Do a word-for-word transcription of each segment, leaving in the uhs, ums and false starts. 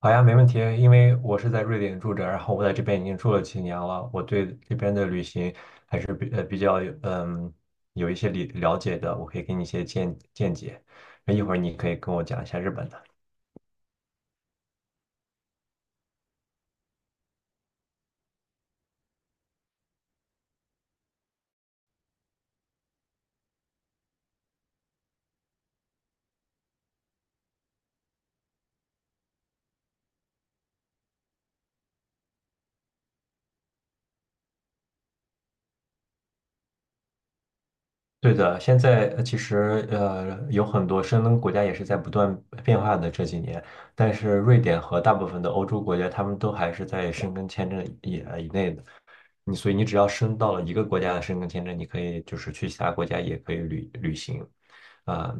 好呀，没问题。因为我是在瑞典住着，然后我在这边已经住了几年了，我对这边的旅行还是比呃比较有嗯有一些理了解的，我可以给你一些见见解。那一会儿你可以跟我讲一下日本的。对的，现在呃其实呃有很多申根国家也是在不断变化的这几年，但是瑞典和大部分的欧洲国家，他们都还是在申根签证以呃以内的。你所以你只要申到了一个国家的申根签证，你可以就是去其他国家也可以旅旅行。啊、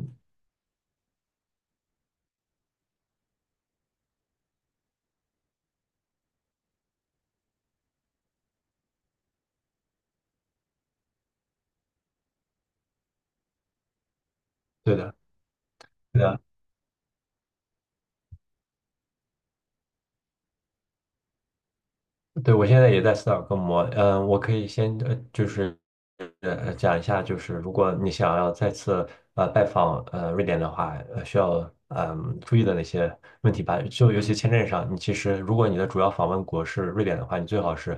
对的。对的，对，我现在也在斯德哥尔摩，嗯，我可以先呃，就是呃讲一下，就是如果你想要再次呃拜访呃瑞典的话，呃需要嗯注意的那些问题吧，就尤其签证上，你其实如果你的主要访问国是瑞典的话，你最好是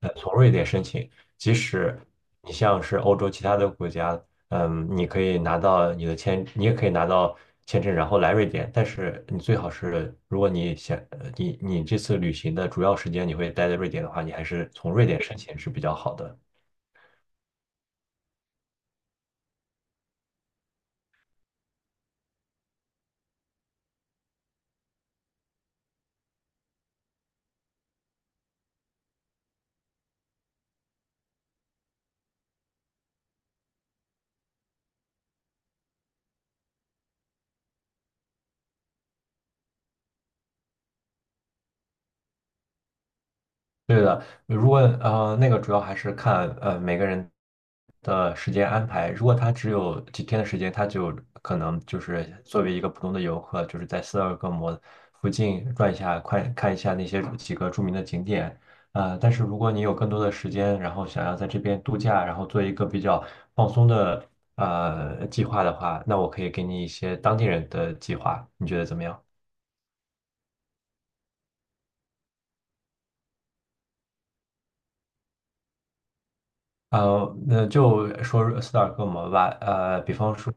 呃从瑞典申请，即使你像是欧洲其他的国家。嗯，你可以拿到你的签，你也可以拿到签证，然后来瑞典。但是你最好是，如果你想，呃你你这次旅行的主要时间你会待在瑞典的话，你还是从瑞典申请是比较好的。对的，如果呃那个主要还是看呃每个人的时间安排。如果他只有几天的时间，他就可能就是作为一个普通的游客，就是在斯德哥尔摩附近转一下，看看一下那些几个著名的景点。呃，但是如果你有更多的时间，然后想要在这边度假，然后做一个比较放松的呃计划的话，那我可以给你一些当地人的计划，你觉得怎么样？呃，那就说斯德哥尔摩吧。呃，比方说。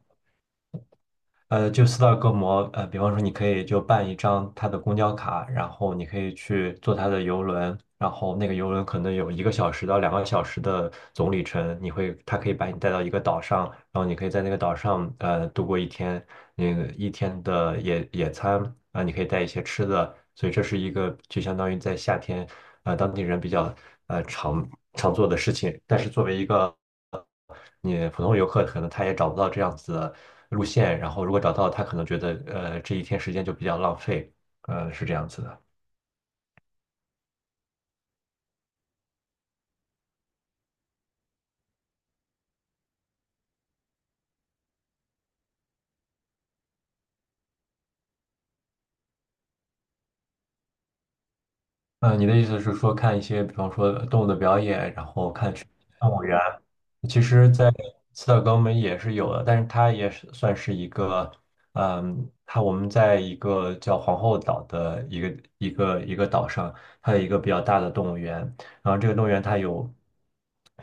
呃，就斯大哥摩，呃，比方说你可以就办一张他的公交卡，然后你可以去坐他的游轮，然后那个游轮可能有一个小时到两个小时的总里程，你会，他可以把你带到一个岛上，然后你可以在那个岛上呃度过一天，那个一天的野野餐啊，你可以带一些吃的，所以这是一个就相当于在夏天，呃，当地人比较呃常常做的事情，但是作为一个你普通游客可能他也找不到这样子的路线，然后如果找到，他可能觉得呃这一天时间就比较浪费，呃是这样子的。嗯，你的意思是说看一些，比方说动物的表演，然后看动物园，其实，在斯德哥尔摩也是有的，但是它也是算是一个，嗯，它我们在一个叫皇后岛的一个一个一个岛上，它有一个比较大的动物园，然后这个动物园它有，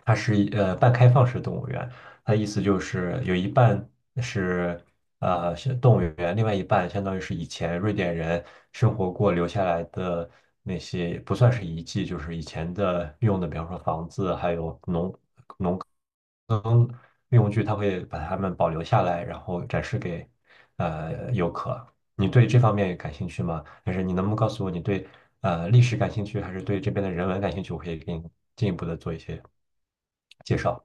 它是一呃半开放式动物园，它意思就是有一半是呃是动物园，另外一半相当于是以前瑞典人生活过留下来的那些不算是遗迹，就是以前的用的，比方说房子，还有农能运用具，它会把它们保留下来，然后展示给呃游客。你对这方面感兴趣吗？还是你能不能告诉我，你对呃历史感兴趣，还是对这边的人文感兴趣？我可以给你进一步的做一些介绍。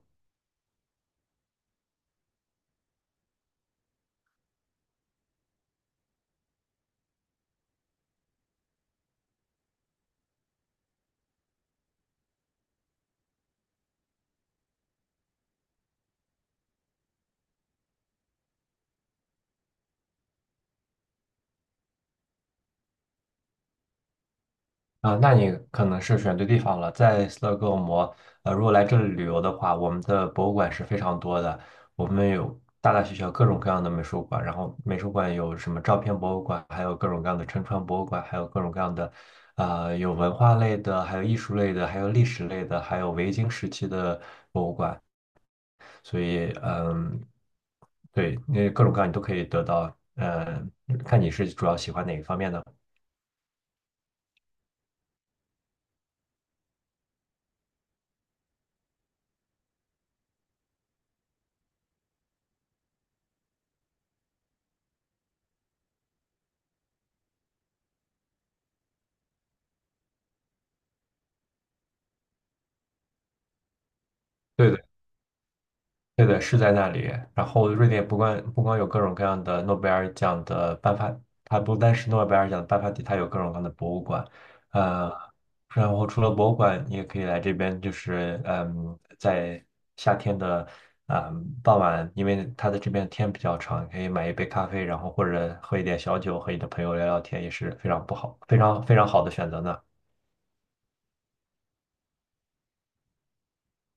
啊，那你可能是选对地方了。在斯德哥尔摩，呃，如果来这里旅游的话，我们的博物馆是非常多的，我们有大大小小各种各样的美术馆，然后美术馆有什么照片博物馆，还有各种各样的沉船博物馆，还有各种各样的，啊，有文化类的，还有艺术类的，还有历史类的，还有维京时期的博物馆。所以，嗯，对，那各种各样你都可以得到，呃，看你是主要喜欢哪一方面的。对的。对的，是在那里。然后，瑞典不光不光有各种各样的诺贝尔奖的颁发，它不单是诺贝尔奖的颁发地，它有各种各样的博物馆。呃，然后除了博物馆，你也可以来这边，就是嗯，在夏天的嗯傍晚，因为它的这边天比较长，可以买一杯咖啡，然后或者喝一点小酒，和你的朋友聊聊天，也是非常不好，非常非常好的选择呢。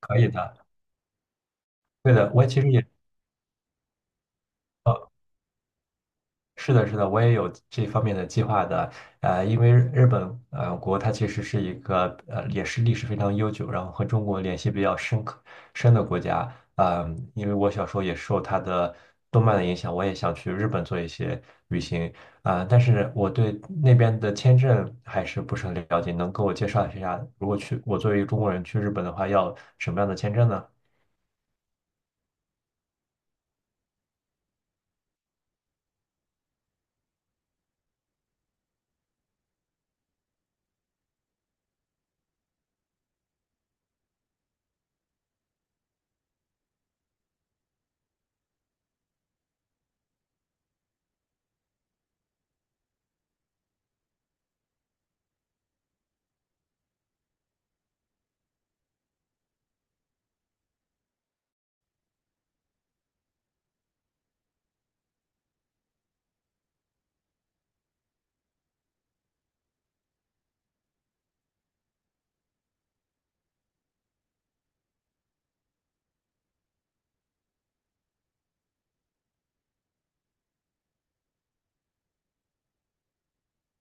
可以的，对的，我其实也。是的，是的，我也有这方面的计划的。呃，因为日本呃国它其实是一个呃也是历史非常悠久，然后和中国联系比较深刻深的国家。嗯，因为我小时候也受它的动漫的影响，我也想去日本做一些旅行啊，但是我对那边的签证还是不是很了解，能给我介绍一下，如果去我作为一个中国人去日本的话，要什么样的签证呢？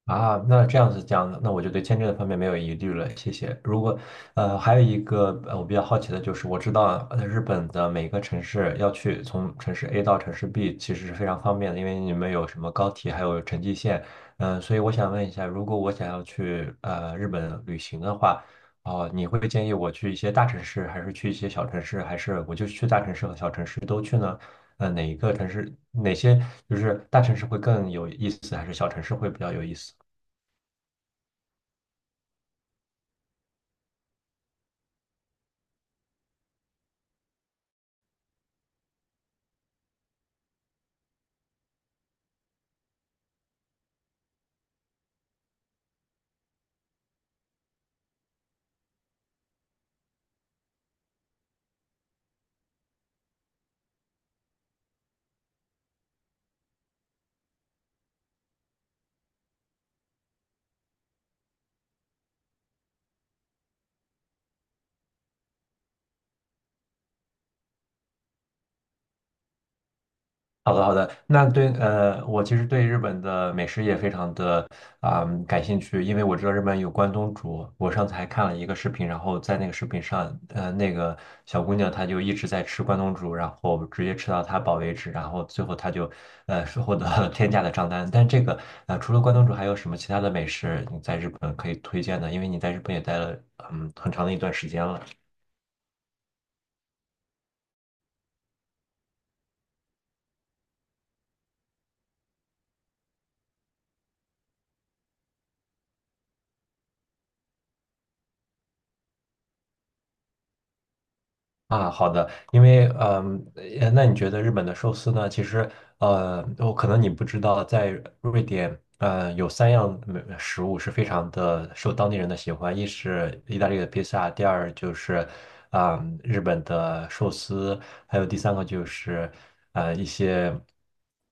啊，那这样子讲的，那我就对签证的方面没有疑虑了，谢谢。如果呃，还有一个呃，我比较好奇的就是，我知道呃日本的每个城市要去从城市 A 到城市 B，其实是非常方便的，因为你们有什么高铁，还有城际线，嗯、呃所以我想问一下，如果我想要去呃日本旅行的话，哦、你会建议我去一些大城市，还是去一些小城市，还是我就去大城市和小城市都去呢？呃，哪一个城市，哪些就是大城市会更有意思，还是小城市会比较有意思？好的，好的。那对，呃，我其实对日本的美食也非常的啊、感兴趣，因为我知道日本有关东煮。我上次还看了一个视频，然后在那个视频上，呃，那个小姑娘她就一直在吃关东煮，然后直接吃到她饱为止，然后最后她就呃是获得了天价的账单。但这个呃，除了关东煮，还有什么其他的美食你在日本可以推荐的？因为你在日本也待了嗯很长的一段时间了。啊，好的，因为嗯，呃那你觉得日本的寿司呢？其实呃，我可能你不知道，在瑞典，呃，有三样美食物是非常的受当地人的喜欢，一是意大利的披萨，第二就是啊、日本的寿司，还有第三个就是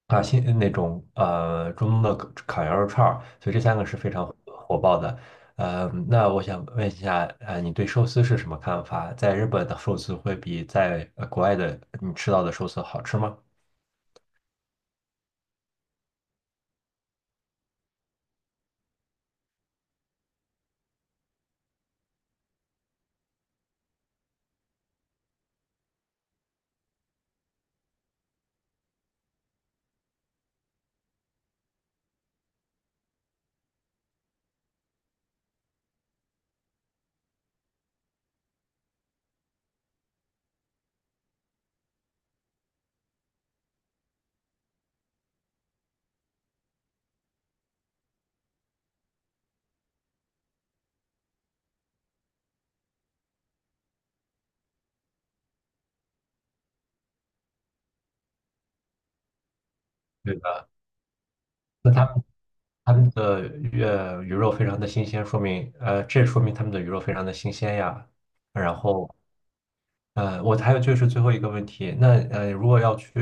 啊，新那种呃中东的烤烤羊肉串儿，所以这三个是非常火爆的。呃，那我想问一下，呃，你对寿司是什么看法？在日本的寿司会比在呃国外的你吃到的寿司好吃吗？对的，那他们他们的鱼呃鱼肉非常的新鲜，说明呃这说明他们的鱼肉非常的新鲜呀。然后呃，我还有就是最后一个问题，那呃，如果要去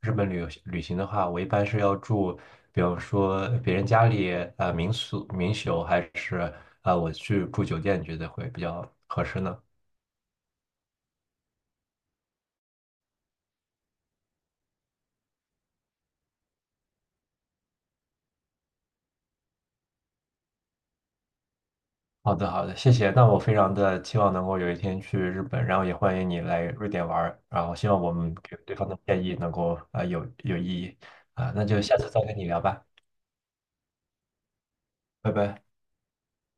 日本旅游旅行的话，我一般是要住，比方说别人家里呃民宿民宿，还是呃我去住酒店，你觉得会比较合适呢？好的，好的，谢谢。那我非常的期望能够有一天去日本，然后也欢迎你来瑞典玩儿，然后希望我们给对方的建议能够啊、呃有有意义啊、那就下次再跟你聊吧，拜拜。